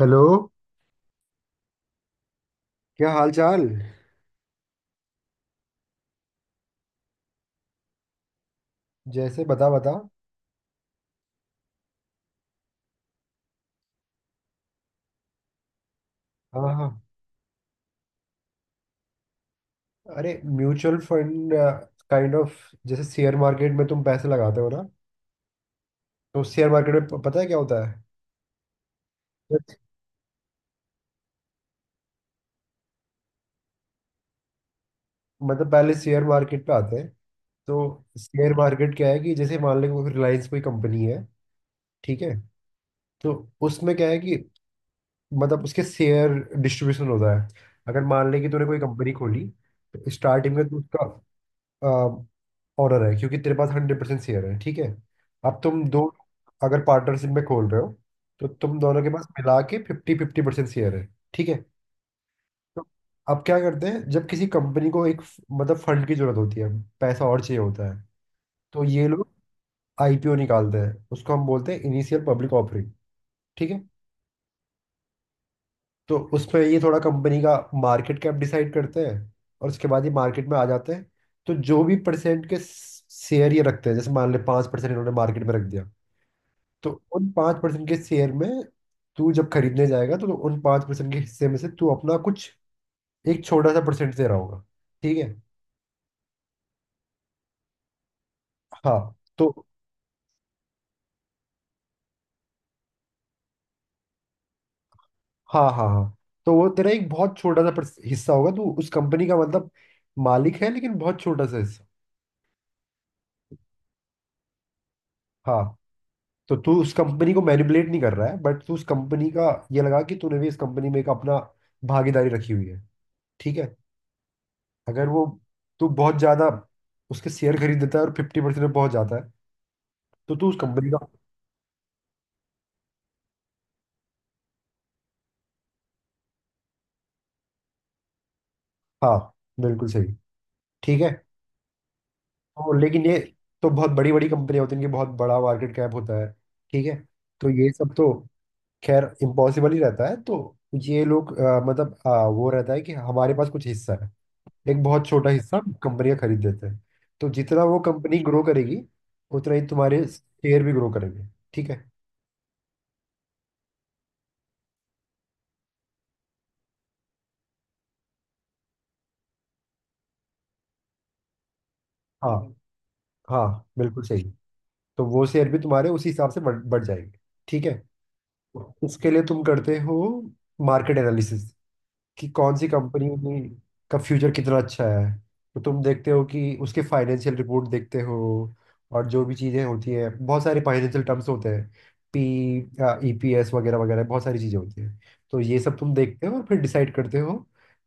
Hello. क्या हाल चाल। जैसे बता बता। हाँ हाँ। अरे म्यूचुअल फंड काइंड ऑफ जैसे शेयर मार्केट में तुम पैसे लगाते हो ना। तो शेयर मार्केट में पता है क्या होता है। Yes. मतलब पहले शेयर मार्केट पे आते हैं। तो शेयर मार्केट क्या है कि जैसे मान लें कोई रिलायंस कोई कंपनी है। ठीक है। तो उसमें क्या है कि मतलब उसके शेयर डिस्ट्रीब्यूशन होता है। अगर मान लें कि तूने कोई कंपनी खोली तो स्टार्टिंग में तो उसका ऑनर है क्योंकि तेरे पास 100% शेयर है। ठीक है। अब तुम दो, अगर पार्टनरशिप में खोल रहे हो तो तुम दोनों के पास मिला के 50-50% शेयर है। ठीक है। तो अब क्या करते हैं, जब किसी कंपनी को एक मतलब फंड की जरूरत होती है, पैसा और चाहिए होता है, तो ये लोग आईपीओ निकालते हैं। उसको हम बोलते हैं इनिशियल पब्लिक ऑफरिंग। ठीक है। तो उसमें ये थोड़ा कंपनी का मार्केट कैप डिसाइड करते हैं और उसके बाद ये मार्केट में आ जाते हैं। तो जो भी परसेंट के शेयर ये रखते हैं, जैसे मान ले 5% इन्होंने मार्केट में रख दिया, तो उन 5% के शेयर में तू जब खरीदने जाएगा तो उन पाँच परसेंट के हिस्से में से तू अपना कुछ एक छोटा सा परसेंट दे रहा होगा। ठीक है। हाँ। तो हाँ हाँ हाँ, तो वो तेरा एक बहुत छोटा सा हिस्सा होगा। तू उस कंपनी का मतलब मालिक है लेकिन बहुत छोटा सा हिस्सा। हाँ, तो तू उस कंपनी को मैनिपुलेट नहीं कर रहा है, बट तू उस कंपनी का ये लगा कि तूने भी इस कंपनी में एक अपना भागीदारी रखी हुई है। ठीक है। अगर वो तू बहुत ज्यादा उसके शेयर खरीद देता है और 50% पहुंच जाता है तो तू उस कंपनी का। हाँ बिल्कुल सही। ठीक है। तो लेकिन ये तो बहुत बड़ी बड़ी कंपनियां होती हैं, इनकी बहुत बड़ा मार्केट कैप होता है। ठीक है। तो ये सब तो खैर इम्पॉसिबल ही रहता है। तो ये लोग मतलब वो रहता है कि हमारे पास कुछ हिस्सा है, एक बहुत छोटा हिस्सा कंपनियां खरीद लेते हैं। तो जितना वो कंपनी ग्रो करेगी उतना ही तुम्हारे शेयर भी ग्रो करेंगे। ठीक है। हाँ हाँ बिल्कुल सही। तो वो शेयर भी तुम्हारे उसी हिसाब से बढ़ बढ़ जाएंगे। ठीक है। उसके लिए तुम करते हो मार्केट एनालिसिस, कि कौन सी कंपनी की का फ्यूचर कितना अच्छा है। तो तुम देखते हो कि उसके फाइनेंशियल रिपोर्ट देखते हो और जो भी चीज़ें होती है, बहुत सारे फाइनेंशियल टर्म्स होते हैं, PEPS वगैरह वगैरह, बहुत सारी चीज़ें होती हैं। तो ये सब तुम देखते हो और फिर डिसाइड करते हो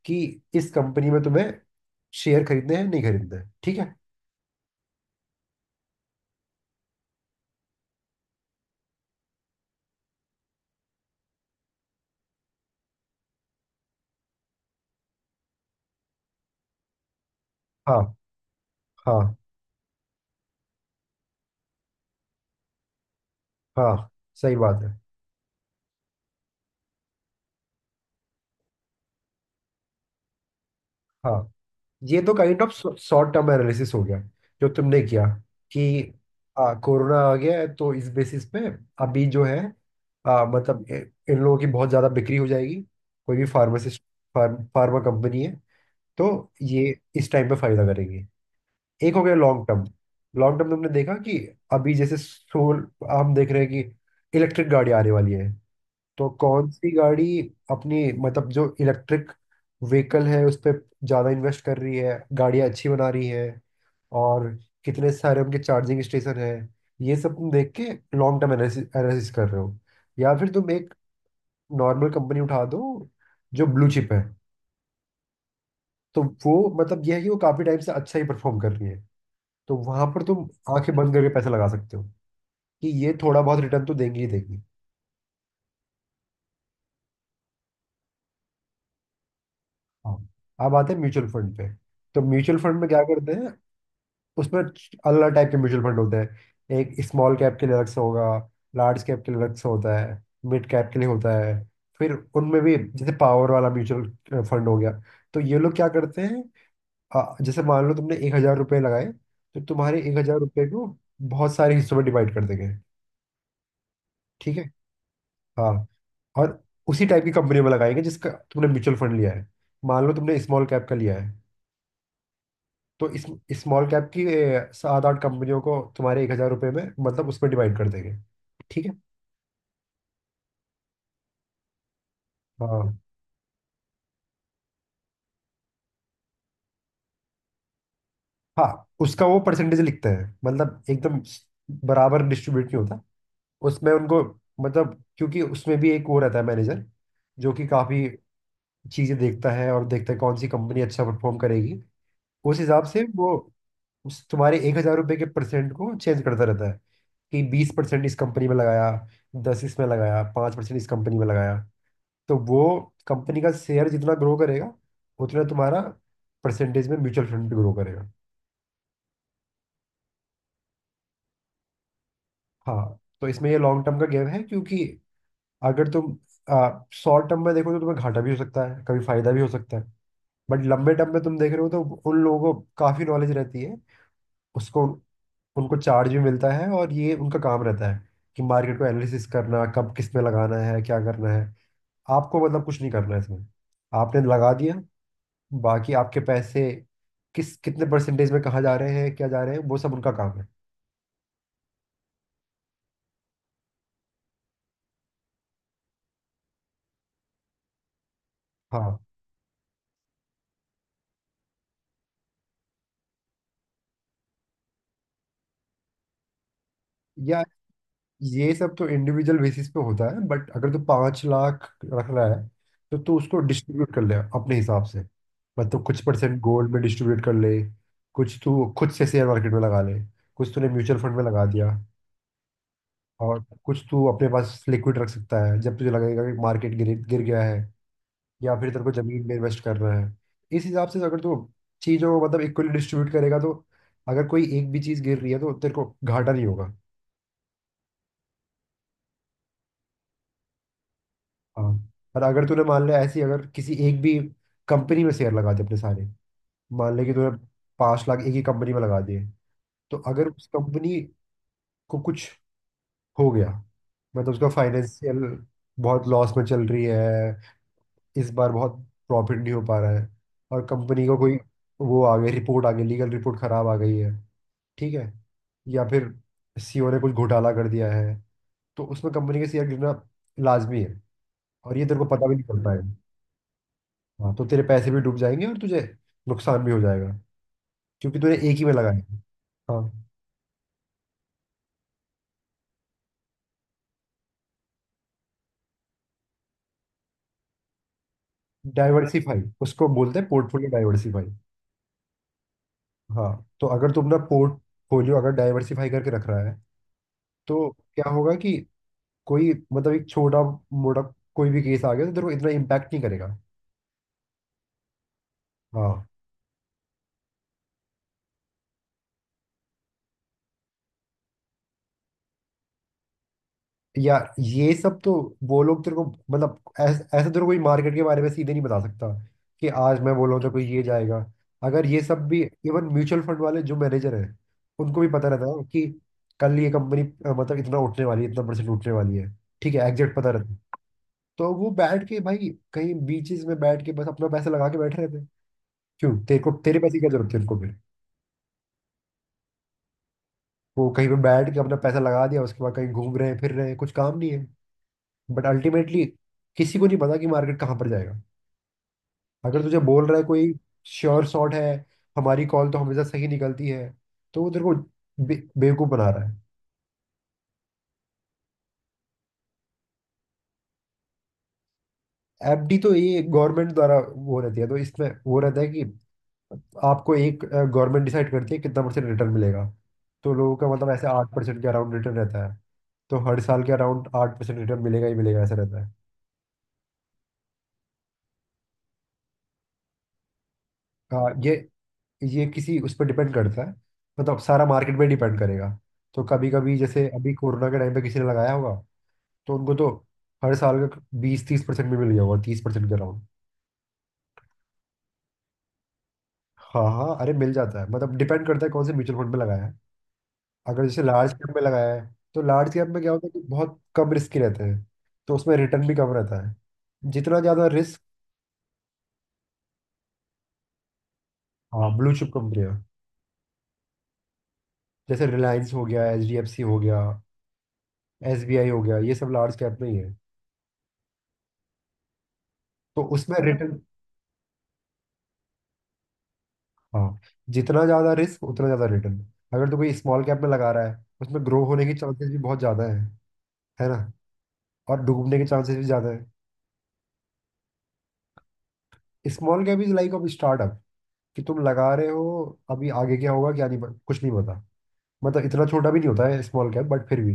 कि इस कंपनी में तुम्हें शेयर खरीदने हैं नहीं खरीदने हैं। ठीक है। हाँ हाँ हाँ सही बात है। हाँ, ये तो kind of short term analysis हो गया जो तुमने किया। कि कोरोना आ गया है तो इस बेसिस पे अभी जो है मतलब इन लोगों की बहुत ज़्यादा बिक्री हो जाएगी। कोई भी फार्मासिस्ट, फार्मा कंपनी है तो ये इस टाइम पे फायदा करेंगे। एक हो गया लॉन्ग टर्म। लॉन्ग टर्म तुमने देखा कि अभी जैसे सोल हम देख रहे हैं कि इलेक्ट्रिक गाड़ी आने वाली है। तो कौन सी गाड़ी अपनी मतलब जो इलेक्ट्रिक व्हीकल है उस पर ज़्यादा इन्वेस्ट कर रही है, गाड़ियाँ अच्छी बना रही है और कितने सारे उनके चार्जिंग स्टेशन है। ये सब तुम देख के लॉन्ग टर्म एनालिसिस एनालिसिस कर रहे हो। या फिर तुम एक नॉर्मल कंपनी उठा दो जो ब्लू चिप है, तो वो मतलब यह है कि वो काफ़ी टाइम से अच्छा ही परफॉर्म कर रही है। तो वहां पर तुम आंखें बंद करके पैसा लगा सकते हो कि ये थोड़ा बहुत रिटर्न तो देंगी ही देंगी। हाँ, अब आते हैं म्यूचुअल फंड पे। तो म्यूचुअल फंड में क्या करते हैं, उसमें अलग टाइप के म्यूचुअल फंड होते हैं। एक स्मॉल कैप के लिए अलग से होगा, लार्ज कैप के लिए अलग से होता है, मिड कैप के लिए होता है। फिर उनमें भी जैसे पावर वाला म्यूचुअल फंड हो गया। तो ये लोग क्या करते हैं, जैसे मान लो तुमने 1,000 रुपये लगाए, तो तुम्हारे 1,000 रुपये को बहुत सारे हिस्सों में डिवाइड कर देंगे। ठीक है। हाँ। और उसी टाइप की कंपनी में लगाएंगे जिसका तुमने म्यूचुअल फंड लिया है। मान लो तुमने स्मॉल कैप का लिया है, तो इस स्मॉल कैप की 7-8 कंपनियों को तुम्हारे 1,000 रुपये में मतलब उसमें डिवाइड कर देंगे। ठीक है। हाँ हाँ, उसका वो परसेंटेज लिखते हैं, मतलब एकदम बराबर डिस्ट्रीब्यूट नहीं होता उसमें उनको। मतलब क्योंकि उसमें भी एक वो रहता है, मैनेजर, जो कि काफ़ी चीज़ें देखता है और देखता है कौन सी कंपनी अच्छा परफॉर्म करेगी। उस हिसाब से वो उस तुम्हारे 1,000 रुपये के परसेंट को चेंज करता रहता है। कि 20% इस कंपनी में लगाया, दस इसमें लगाया, 5% इस कंपनी में लगाया। तो वो कंपनी का शेयर जितना ग्रो करेगा उतना तुम्हारा परसेंटेज में म्यूचुअल फंड भी ग्रो करेगा। हाँ, तो इसमें ये लॉन्ग टर्म का गेम है क्योंकि अगर तुम शॉर्ट टर्म में देखो तो तुम्हें घाटा भी हो सकता है कभी फायदा भी हो सकता है। बट लंबे टर्म में तुम देख रहे हो तो उन लोगों को काफ़ी नॉलेज रहती है उसको, उनको चार्ज भी मिलता है और ये उनका काम रहता है कि मार्केट को एनालिसिस करना, कब किस में लगाना है क्या करना है। आपको मतलब कुछ नहीं करना है इसमें, आपने लगा दिया, बाकी आपके पैसे किस कितने परसेंटेज में कहाँ जा रहे हैं क्या जा रहे हैं वो सब उनका काम है। हाँ। या ये सब तो इंडिविजुअल बेसिस पे होता है, बट अगर तू 5 लाख रख रहा है तो तू उसको डिस्ट्रीब्यूट कर ले अपने हिसाब से। मतलब कुछ परसेंट गोल्ड में डिस्ट्रीब्यूट कर ले, कुछ तू खुद से शेयर मार्केट में लगा ले, कुछ तूने म्यूचुअल फंड में लगा दिया, और कुछ तू अपने पास लिक्विड रख सकता है जब तुझे लगेगा कि मार्केट गिर गिर गया है या फिर तेरे को जमीन में इन्वेस्ट करना है। इस हिसाब से अगर तू चीजों को मतलब इक्वली डिस्ट्रीब्यूट करेगा तो अगर कोई एक भी चीज गिर रही है तो तेरे को घाटा नहीं होगा। हाँ, पर अगर तूने मान लिया ऐसी, अगर किसी एक भी कंपनी में शेयर लगा दिए अपने सारे, मान ले कि तूने 5 लाख एक ही कंपनी में लगा दिए, तो अगर उस कंपनी को कुछ हो गया, मतलब उसका फाइनेंशियल बहुत लॉस में चल रही है, इस बार बहुत प्रॉफिट नहीं हो पा रहा है, और कंपनी को कोई वो आ गई रिपोर्ट, आ गई लीगल रिपोर्ट खराब आ गई है, ठीक है, या फिर सीईओ ने कुछ घोटाला कर दिया है, तो उसमें कंपनी के शेयर गिरना लाजमी है और ये तेरे को पता भी नहीं चलता है। हाँ तो तेरे पैसे भी डूब जाएंगे और तुझे नुकसान भी हो जाएगा क्योंकि तूने एक ही में लगाया है। हाँ, डाइवर्सिफाई उसको बोलते हैं, पोर्टफोलियो डाइवर्सिफाई। हाँ, तो अगर तुम ना पोर्टफोलियो अगर डाइवर्सिफाई करके रख रहा है तो क्या होगा कि कोई मतलब एक छोटा मोटा कोई भी केस आ गया तो तेरे को इतना इम्पैक्ट नहीं करेगा। हाँ। यार ये सब तो वो लोग तेरे को मतलब ऐसा ऐसा तेरे को कोई मार्केट के बारे में सीधे नहीं बता सकता कि आज मैं बोल रहा हूँ तो कोई ये जाएगा। अगर ये सब भी इवन म्यूचुअल फंड वाले जो मैनेजर हैं उनको भी पता रहता है कि कल ये कंपनी मतलब इतना उठने वाली है, इतना परसेंट उठने वाली है, ठीक है, एग्जैक्ट पता रहता है, तो वो बैठ के भाई कहीं बीचेस में बैठ के बस अपना पैसा लगा के बैठे रहते। हैं क्यों तेरे को तेरे पैसे की क्या जरूरत है उनको फिर। वो कहीं पे बैठ के अपना पैसा लगा दिया उसके बाद कहीं घूम रहे हैं फिर रहे हैं, कुछ काम नहीं है। बट अल्टीमेटली किसी को नहीं पता कि मार्केट कहाँ पर जाएगा। अगर तुझे बोल रहा है कोई श्योर शॉट है, हमारी कॉल तो हमेशा सही निकलती है, तो वो तेरे को बेवकूफ बना रहा है। एफडी तो ये गवर्नमेंट द्वारा वो रहती है तो इसमें वो रहता है कि आपको एक गवर्नमेंट डिसाइड करती है कितना परसेंट रिटर्न मिलेगा। तो लोगों का मतलब ऐसे 8% के अराउंड रिटर्न रहता है। तो हर साल के अराउंड 8% रिटर्न मिलेगा ही मिलेगा ऐसा रहता है। हाँ, ये किसी उस पर डिपेंड करता है, मतलब सारा मार्केट पे डिपेंड करेगा। तो कभी कभी जैसे अभी कोरोना के टाइम पे किसी ने लगाया होगा तो उनको तो हर साल का 20-30% भी मिल गया होगा, 30% के अराउंड। हाँ हाँ, अरे मिल जाता है, मतलब डिपेंड करता है कौन से म्यूचुअल फंड में लगाया है। अगर जैसे लार्ज कैप में लगाया है तो लार्ज कैप में क्या होता है कि बहुत कम रिस्क रहते हैं, तो उसमें रिटर्न भी कम रहता है। जितना ज़्यादा रिस्क। हाँ ब्लू चिप कंपनियाँ, जैसे रिलायंस हो गया, HDFC हो गया, SBI हो गया, ये सब लार्ज कैप में ही है। तो उसमें रिटर्न। हाँ, जितना ज्यादा रिस्क उतना ज्यादा रिटर्न। अगर तो कोई स्मॉल कैप में लगा रहा है उसमें ग्रो होने के चांसेस भी बहुत ज्यादा है ना, और डूबने के चांसेस भी ज्यादा है। Small cap is like of startup, कि तुम लगा रहे हो, अभी आगे क्या होगा क्या नहीं कुछ नहीं पता। मतलब इतना छोटा भी नहीं होता है स्मॉल कैप, बट फिर भी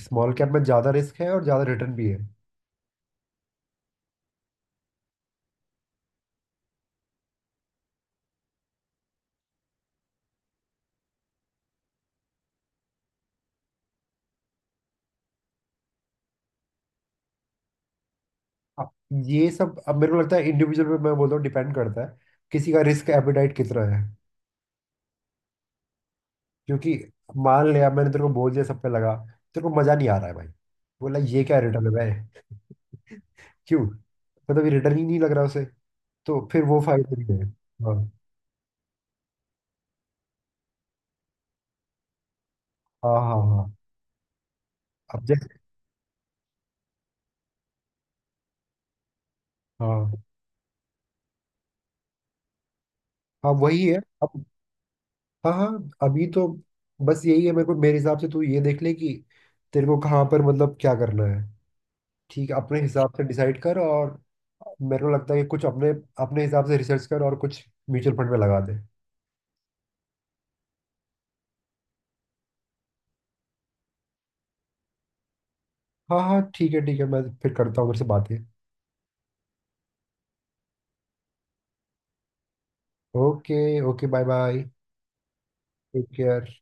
स्मॉल कैप में ज्यादा रिस्क है और ज्यादा रिटर्न भी है। अब ये सब अब मेरे को लगता है इंडिविजुअल पे मैं बोलता हूँ, डिपेंड करता है किसी का रिस्क एपेटाइट कितना है। क्योंकि मान लिया मैंने तेरे को बोल दिया सब पे लगा, तेरे को मजा नहीं आ रहा है भाई, बोला ये क्या रिटर्न है भाई। क्यों, मतलब ये रिटर्न ही नहीं लग रहा उसे, तो फिर वो फायदे नहीं है। हाँ हाँ हाँ हाँ। अब जैसे, हाँ हाँ वही है। अब, हाँ हाँ अभी तो बस यही है। मेरे को मेरे हिसाब से तू ये देख ले कि तेरे को कहाँ पर मतलब क्या करना है। ठीक है, अपने हिसाब से डिसाइड कर। और मेरे को लगता है कि कुछ अपने अपने हिसाब से रिसर्च कर और कुछ म्यूचुअल फंड में लगा दे। हाँ हाँ ठीक है ठीक है, मैं फिर करता हूँ मेरे से बातें। Okay. Okay bye bye. Take care.